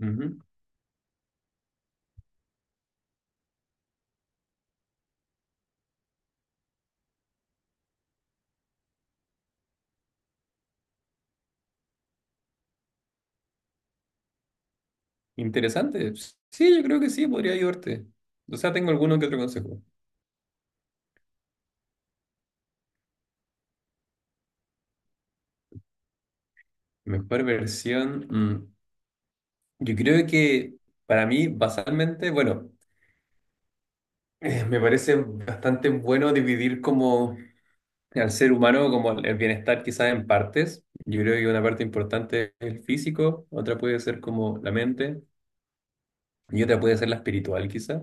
Ujú. Interesante. Sí, yo creo que sí, podría ayudarte. O sea, tengo alguno que otro consejo. Mejor versión. Yo creo que para mí, basalmente, bueno, me parece bastante bueno dividir como al ser humano, como el bienestar quizás en partes. Yo creo que una parte importante es el físico, otra puede ser como la mente y otra puede ser la espiritual quizás.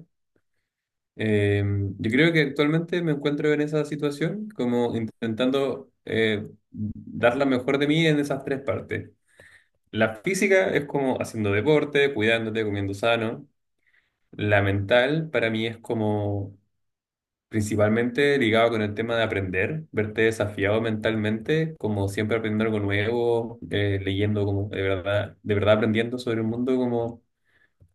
Eh, yo creo que actualmente me encuentro en esa situación, como intentando dar la mejor de mí en esas tres partes. La física es como haciendo deporte, cuidándote, comiendo sano. La mental para mí es como principalmente ligado con el tema de aprender, verte desafiado mentalmente, como siempre aprendiendo algo nuevo, leyendo como de verdad aprendiendo sobre el mundo como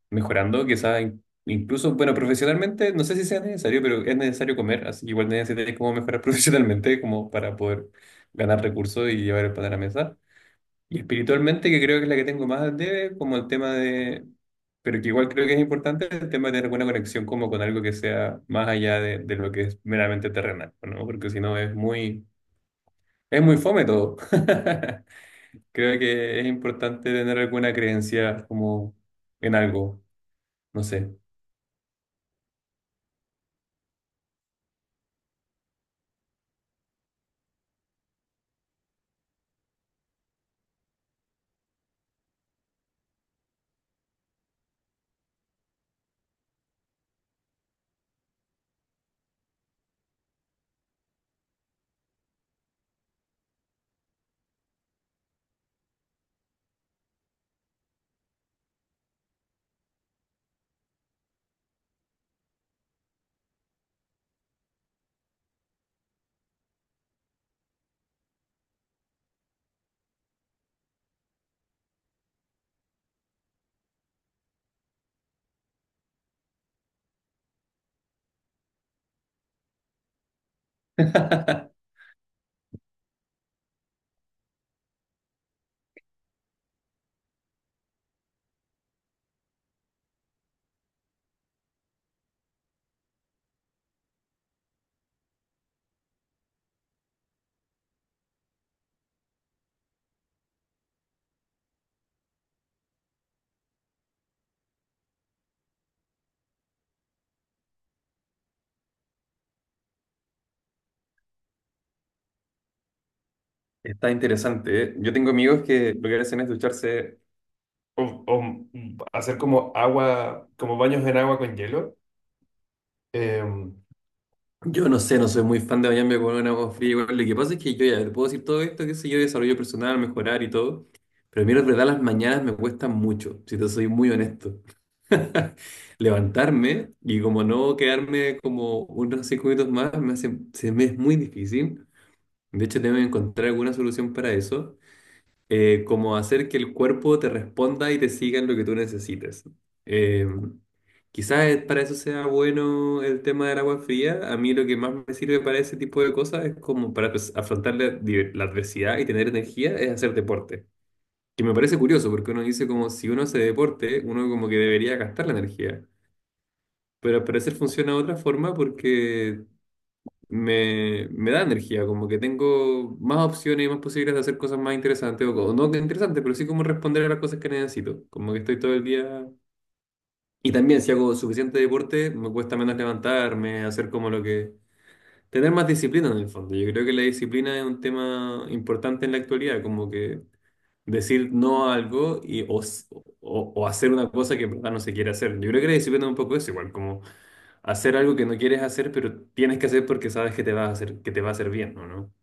mejorando, quizás incluso, bueno, profesionalmente, no sé si sea necesario, pero es necesario comer, así que igual necesitas como mejorar profesionalmente como para poder ganar recursos y llevar el pan a la mesa. Y espiritualmente, que creo que es la que tengo más al debe, como el tema de, pero que igual creo que es importante, el tema de tener buena conexión como con algo que sea más allá de lo que es meramente terrenal, ¿no? Porque si no es muy, es muy fome todo. Creo que es importante tener alguna creencia como en algo, no sé. Está interesante, ¿eh? Yo tengo amigos que lo que hacen es ducharse o hacer como agua, como baños en agua con hielo. Eh, yo no sé, no soy muy fan de bañarme con un agua fría. Igual, lo que pasa es que yo ya te puedo decir todo esto, qué sé yo, desarrollo personal, mejorar y todo. Pero a mí, la verdad, las mañanas me cuestan mucho, si te soy muy honesto. Levantarme y como no quedarme como unos 5 minutos más, me hace, se me es muy difícil. De hecho, tengo que encontrar alguna solución para eso. Como hacer que el cuerpo te responda y te siga en lo que tú necesites. Eh, quizás para eso sea bueno el tema del agua fría. A mí lo que más me sirve para ese tipo de cosas es como para pues, afrontar la adversidad y tener energía, es hacer deporte. Que me parece curioso porque uno dice como si uno hace deporte, uno como que debería gastar la energía. Pero al parecer funciona de otra forma porque me da energía, como que tengo más opciones y más posibilidades de hacer cosas más interesantes, no que interesantes, pero sí como responder a las cosas que necesito, como que estoy todo el día... Y también si hago suficiente deporte, me cuesta menos levantarme, hacer como lo que... Tener más disciplina en el fondo. Yo creo que la disciplina es un tema importante en la actualidad, como que decir no a algo o hacer una cosa que en verdad no se quiere hacer. Yo creo que la disciplina es un poco eso, igual como hacer algo que no quieres hacer, pero tienes que hacer porque sabes que te va a hacer, que te va a hacer bien, ¿o ¿no?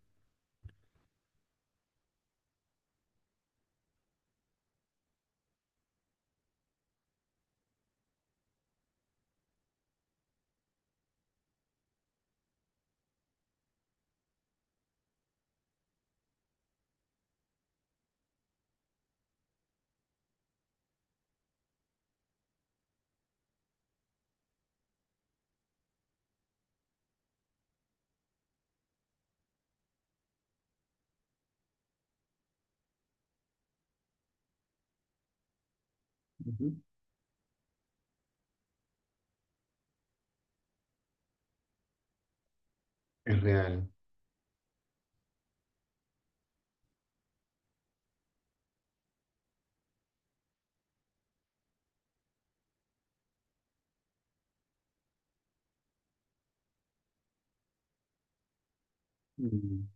Ujú. Es real. Mm,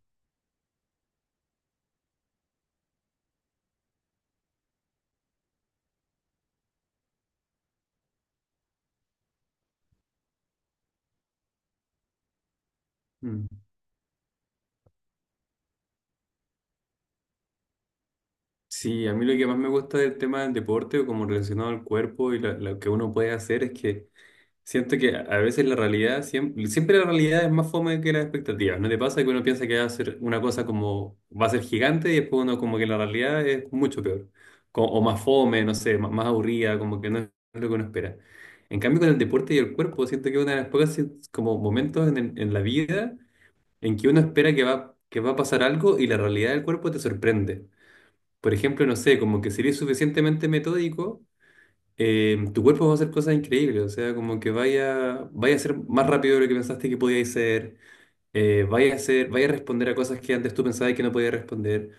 mm. Sí, a mí lo que más me gusta del tema del deporte, como relacionado al cuerpo y lo que uno puede hacer, es que siento que a veces la realidad, siempre, siempre la realidad es más fome que las expectativas. ¿No te pasa que uno piensa que va a ser una cosa como, va a ser gigante y después uno como que la realidad es mucho peor? Más fome, no sé, más, más aburrida, como que no es lo que uno espera. En cambio, con el deporte y el cuerpo, siento que es una de las pocas como momentos en, en la vida en que uno espera que va a pasar algo y la realidad del cuerpo te sorprende. Por ejemplo, no sé, como que sería suficientemente metódico tu cuerpo va a hacer cosas increíbles, o sea, como que vaya a ser más rápido de lo que pensaste que podíais ser, vaya a responder a cosas que antes tú pensabas que no podías responder.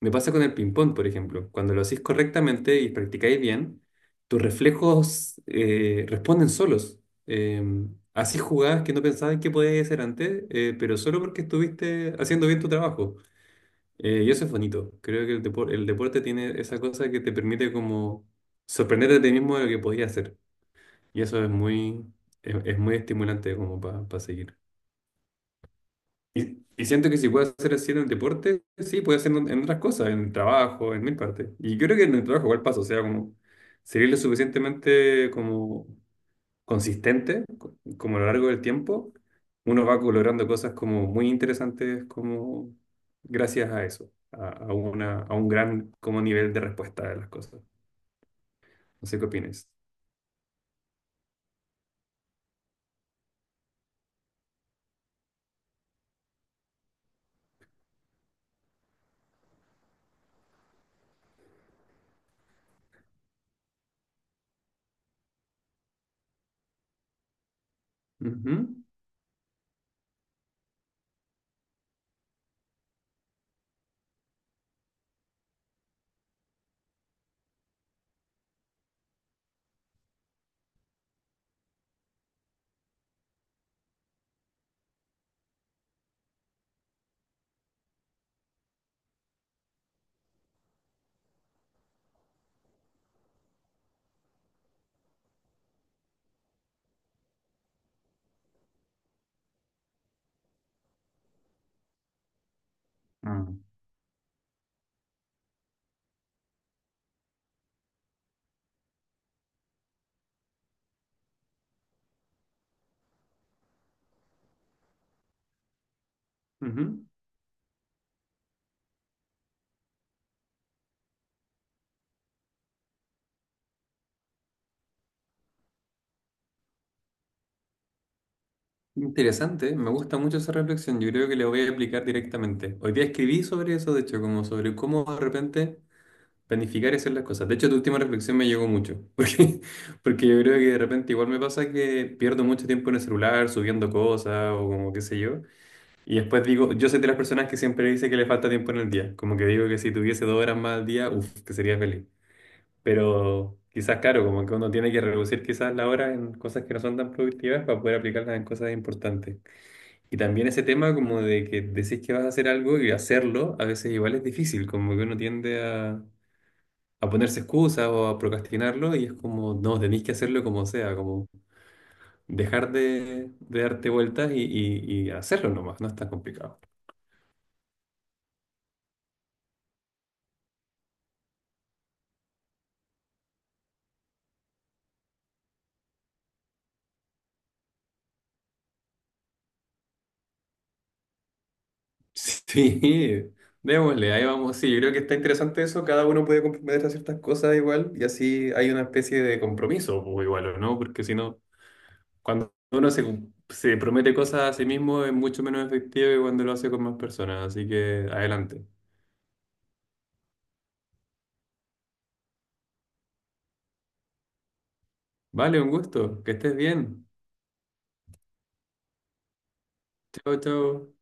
Me pasa con el ping-pong, por ejemplo, cuando lo hacéis correctamente y practicáis bien, tus reflejos responden solos. Eh, así jugadas que no pensabas que podías hacer antes, pero solo porque estuviste haciendo bien tu trabajo. Y eso es bonito. Creo que el deporte tiene esa cosa que te permite como sorprenderte a ti mismo de lo que podías hacer. Y eso es muy estimulante como para seguir. Y siento que si puedo hacer así en el deporte, sí, puedo hacer en otras cosas, en el trabajo, en mil partes. Y yo creo que en el trabajo igual paso, o sea, como seguir lo suficientemente como consistente, como a lo largo del tiempo, uno va logrando cosas como muy interesantes como gracias a eso, a un gran como nivel de respuesta de las cosas. No sé qué opinas. Ujú. Mm. Ujú. Interesante, me gusta mucho esa reflexión. Yo creo que la voy a aplicar directamente. Hoy día escribí sobre eso, de hecho, como sobre cómo de repente planificar y hacer las cosas. De hecho, tu última reflexión me llegó mucho, porque yo creo que de repente igual me pasa que pierdo mucho tiempo en el celular subiendo cosas o como qué sé yo. Y después digo, yo soy de las personas que siempre dice que le falta tiempo en el día. Como que digo que si tuviese 2 horas más al día, uff, que sería feliz. Pero quizás, claro, como que uno tiene que reducir quizás la hora en cosas que no son tan productivas para poder aplicarlas en cosas importantes. Y también ese tema como de que decís que vas a hacer algo y hacerlo a veces igual es difícil, como que uno tiende a ponerse excusas o a procrastinarlo y es como, no, tenéis que hacerlo como sea, como dejar de darte vueltas y hacerlo nomás, no es tan complicado. Sí, démosle, ahí vamos. Sí, yo creo que está interesante eso, cada uno puede comprometerse a ciertas cosas igual y así hay una especie de compromiso o igual, ¿o ¿no? Porque si no... Cuando uno se promete cosas a sí mismo es mucho menos efectivo que cuando lo hace con más personas. Así que adelante. Vale, un gusto. Que estés bien. Chao, chao.